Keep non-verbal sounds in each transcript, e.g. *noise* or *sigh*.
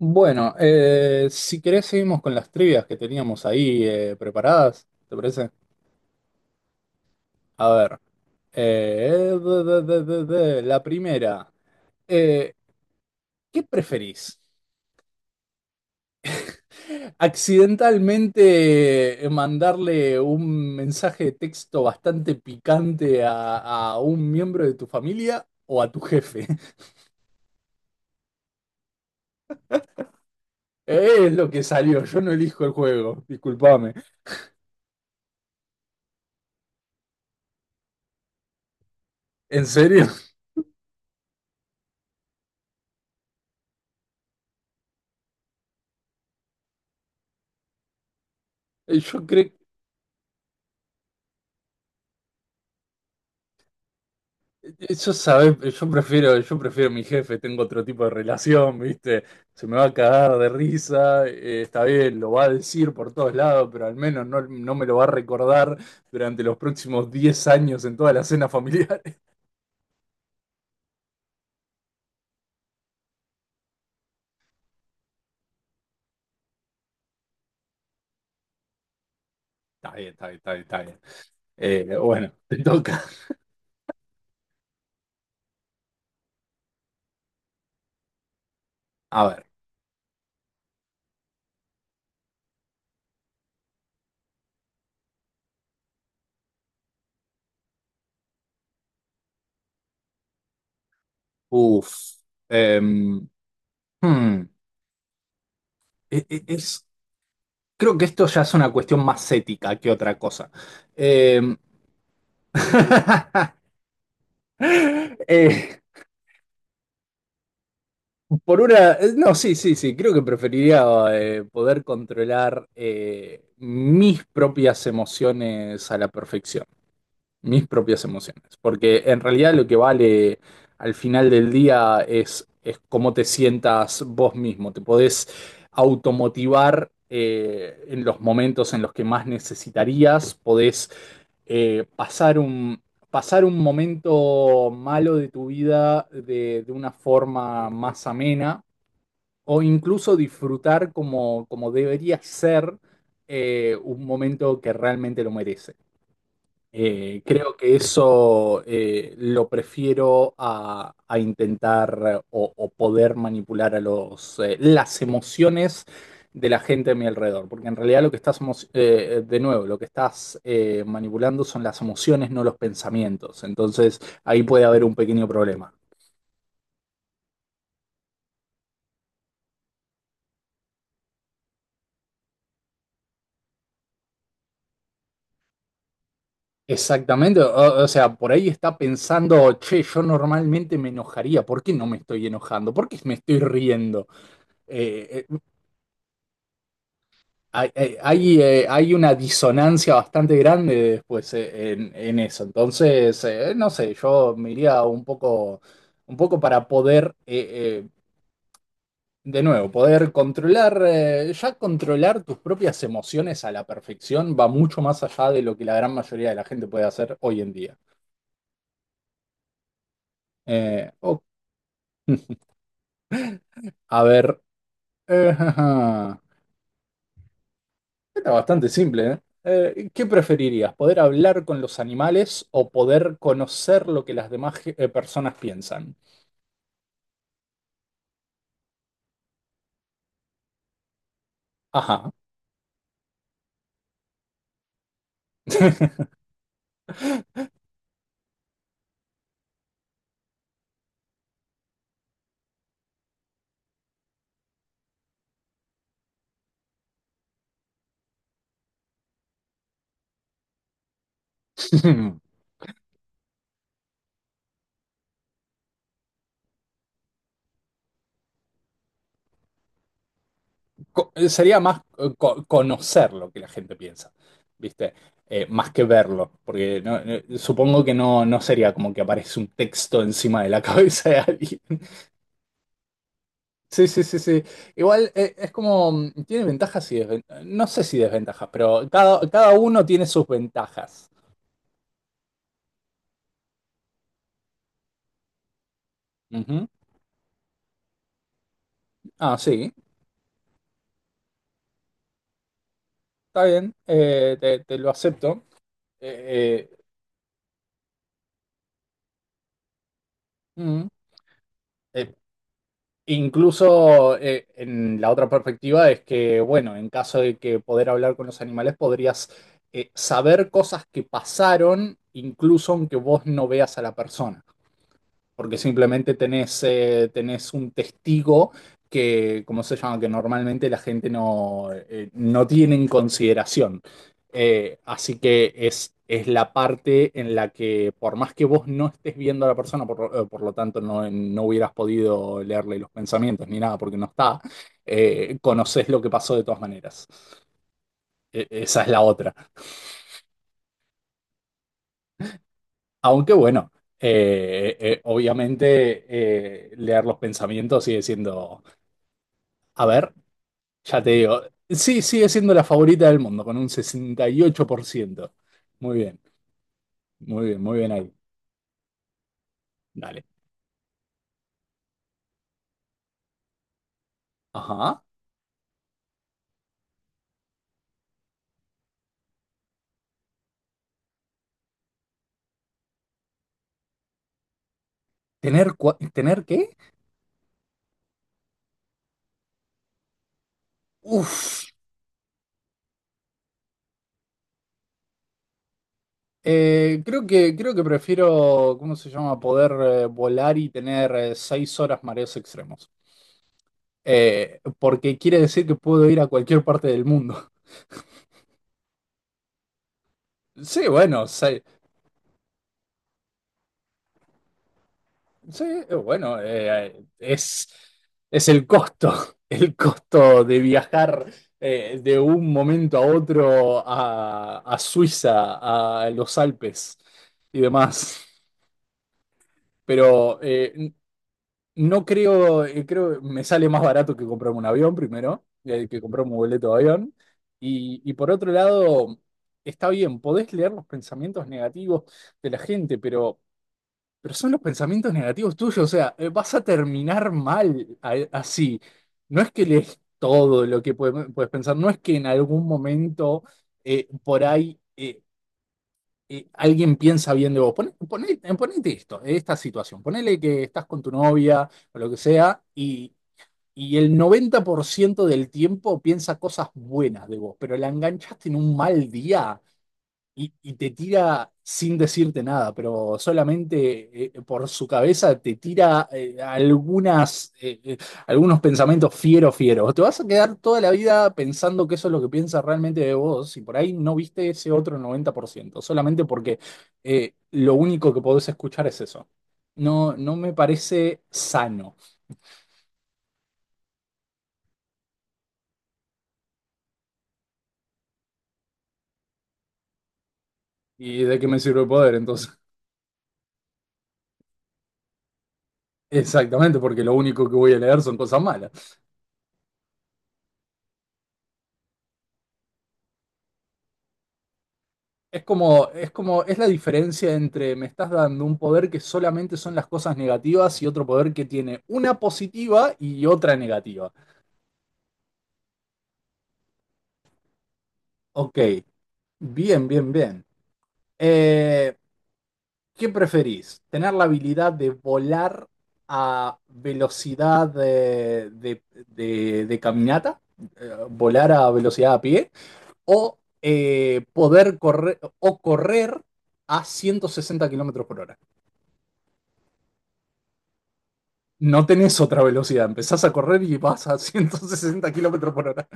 Bueno, si querés, seguimos con las trivias que teníamos ahí preparadas, ¿te parece? A ver, la primera. eh, ¿Qué preferís? ¿Accidentalmente mandarle un mensaje de texto bastante picante a un miembro de tu familia o a tu jefe? *laughs* Es lo que salió, yo no elijo el juego, discúlpame. ¿En serio? *laughs* Yo creo. Yo, sabes, yo prefiero mi jefe, tengo otro tipo de relación, ¿viste? Se me va a cagar de risa, está bien, lo va a decir por todos lados, pero al menos no me lo va a recordar durante los próximos 10 años en toda la cena familiar. *laughs* Está bien, está bien, está bien, está bien. Bueno, te toca. A ver, uff. Em, hmm, e- e- es, Creo que esto ya es una cuestión más ética que otra cosa. Em, *laughs* Eh, no, sí, sí, sí, creo que preferiría poder controlar mis propias emociones a la perfección, mis propias emociones, porque en realidad lo que vale al final del día es cómo te sientas vos mismo, te podés automotivar en los momentos en los que más necesitarías, podés eh, pasar un, pasar un momento malo de tu vida de una forma más amena o incluso disfrutar como debería ser un momento que realmente lo merece. Creo que eso lo prefiero a intentar o poder manipular a las emociones de la gente a mi alrededor, porque en realidad lo que estás, emo- de nuevo, lo que estás manipulando son las emociones, no los pensamientos. Entonces ahí puede haber un pequeño problema. Exactamente, o sea, por ahí está pensando, che, yo normalmente me enojaría, ¿por qué no me estoy enojando? ¿Por qué me estoy riendo? Eh, eh, Hay una disonancia bastante grande después, en, eso, entonces, no sé, yo me iría un poco para poder, de nuevo, poder controlar, ya controlar tus propias emociones a la perfección va mucho más allá de lo que la gran mayoría de la gente puede hacer hoy en día. Ok, a ver. Jaja. Está bastante simple, ¿eh? ¿Qué preferirías? ¿Poder hablar con los animales o poder conocer lo que las demás personas piensan? Ajá. *laughs* Sería más conocer lo que la gente piensa, ¿viste? Más que verlo, porque supongo que no sería como que aparece un texto encima de la *laughs* cabeza de alguien. Sí, sí, sí, sí. Igual, es como, tiene ventajas y desventajas, no sé si desventajas, pero cada uno tiene sus ventajas. Ujú. Ah, sí, está bien, te lo acepto. Eh, eh, mm, eh, Incluso, en la otra perspectiva es que, bueno, en caso de que poder hablar con los animales, podrías saber cosas que pasaron, incluso aunque vos no veas a la persona. Porque simplemente tenés un testigo que, ¿cómo se llama? Que normalmente la gente no tiene en consideración. Así que es la parte en la que, por más que vos no estés viendo a la persona, por lo tanto, no hubieras podido leerle los pensamientos ni nada porque no está, conoces lo que pasó de todas maneras. Esa es la otra. Aunque bueno, obviamente, leer los pensamientos sigue siendo, a ver, ya te digo, sí, sigue siendo la favorita del mundo con un 68%. Muy bien, muy bien, muy bien ahí. Dale. Ajá. ¿Tener qué? Uf. Creo que prefiero, ¿cómo se llama? Poder volar y tener 6 horas mareos extremos. Porque quiere decir que puedo ir a cualquier parte del mundo. *laughs* Sí, bueno. Sí, bueno, es el costo, *laughs* el costo de viajar de un momento a otro a Suiza, a los Alpes y demás. Pero no creo, creo, me sale más barato que comprarme un avión primero, que comprarme un boleto de avión. Y por otro lado, está bien, podés leer los pensamientos negativos de la gente, pero... Pero son los pensamientos negativos tuyos, o sea, vas a terminar mal así. No es que lees todo lo que puedes pensar, no es que en algún momento por ahí alguien piensa bien de vos. Ponete esto, esta situación, ponele que estás con tu novia o lo que sea y el 90% del tiempo piensa cosas buenas de vos, pero la enganchaste en un mal día. Y te tira sin decirte nada, pero solamente, por su cabeza te tira algunos pensamientos fieros, fieros. Te vas a quedar toda la vida pensando que eso es lo que piensa realmente de vos, y por ahí no viste ese otro 90% solamente porque lo único que podés escuchar es eso. No, no me parece sano. ¿Y de qué me sirve el poder entonces? *laughs* Exactamente, porque lo único que voy a leer son cosas malas. Es la diferencia entre me estás dando un poder que solamente son las cosas negativas y otro poder que tiene una positiva y otra negativa. Ok, bien, bien, bien. Eh, ¿Qué preferís? ¿Tener la habilidad de volar a velocidad de caminata? ¿Volar a velocidad a pie? ¿O poder correr a 160 km/h? No tenés otra velocidad, empezás a correr y vas a *laughs* 160 km/h.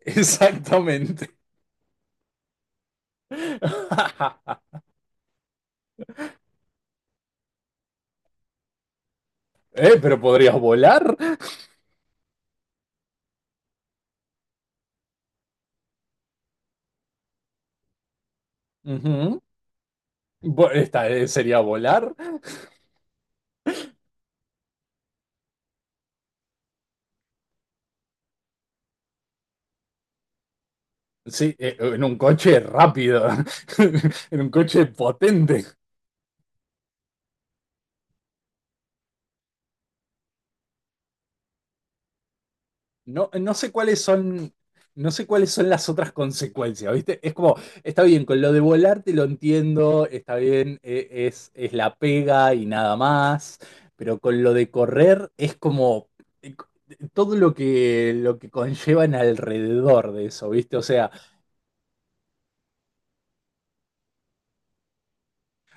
Exactamente. *laughs* Pero podrías volar. Ujú. Esta, sería volar. Sí, en un coche rápido, *laughs* en un coche potente. No, no sé cuáles son las otras consecuencias, ¿viste? Es como, está bien, con lo de volar te lo entiendo, está bien, es la pega y nada más, pero con lo de correr es como, eh, todo lo que conllevan alrededor de eso, ¿viste? O sea,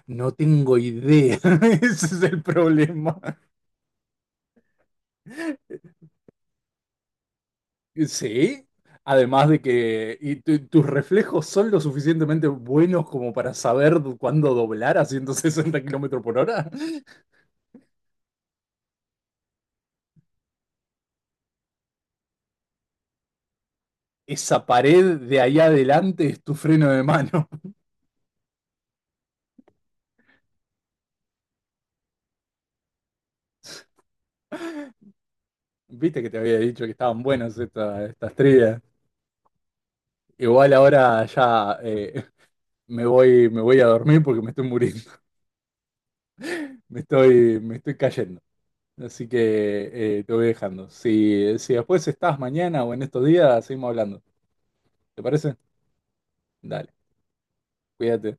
no tengo idea. *laughs* Ese es el problema. Sí, además de que tus reflejos son lo suficientemente buenos como para saber cuándo doblar a 160 km/h. Esa pared de ahí adelante es tu freno de mano. *laughs* Viste que te había dicho que estaban buenas estas trivias. Igual ahora ya, me voy a dormir porque me estoy muriendo. *laughs* Me estoy cayendo. Así que, te voy dejando. Si después estás mañana o en estos días, seguimos hablando. ¿Te parece? Dale, cuídate.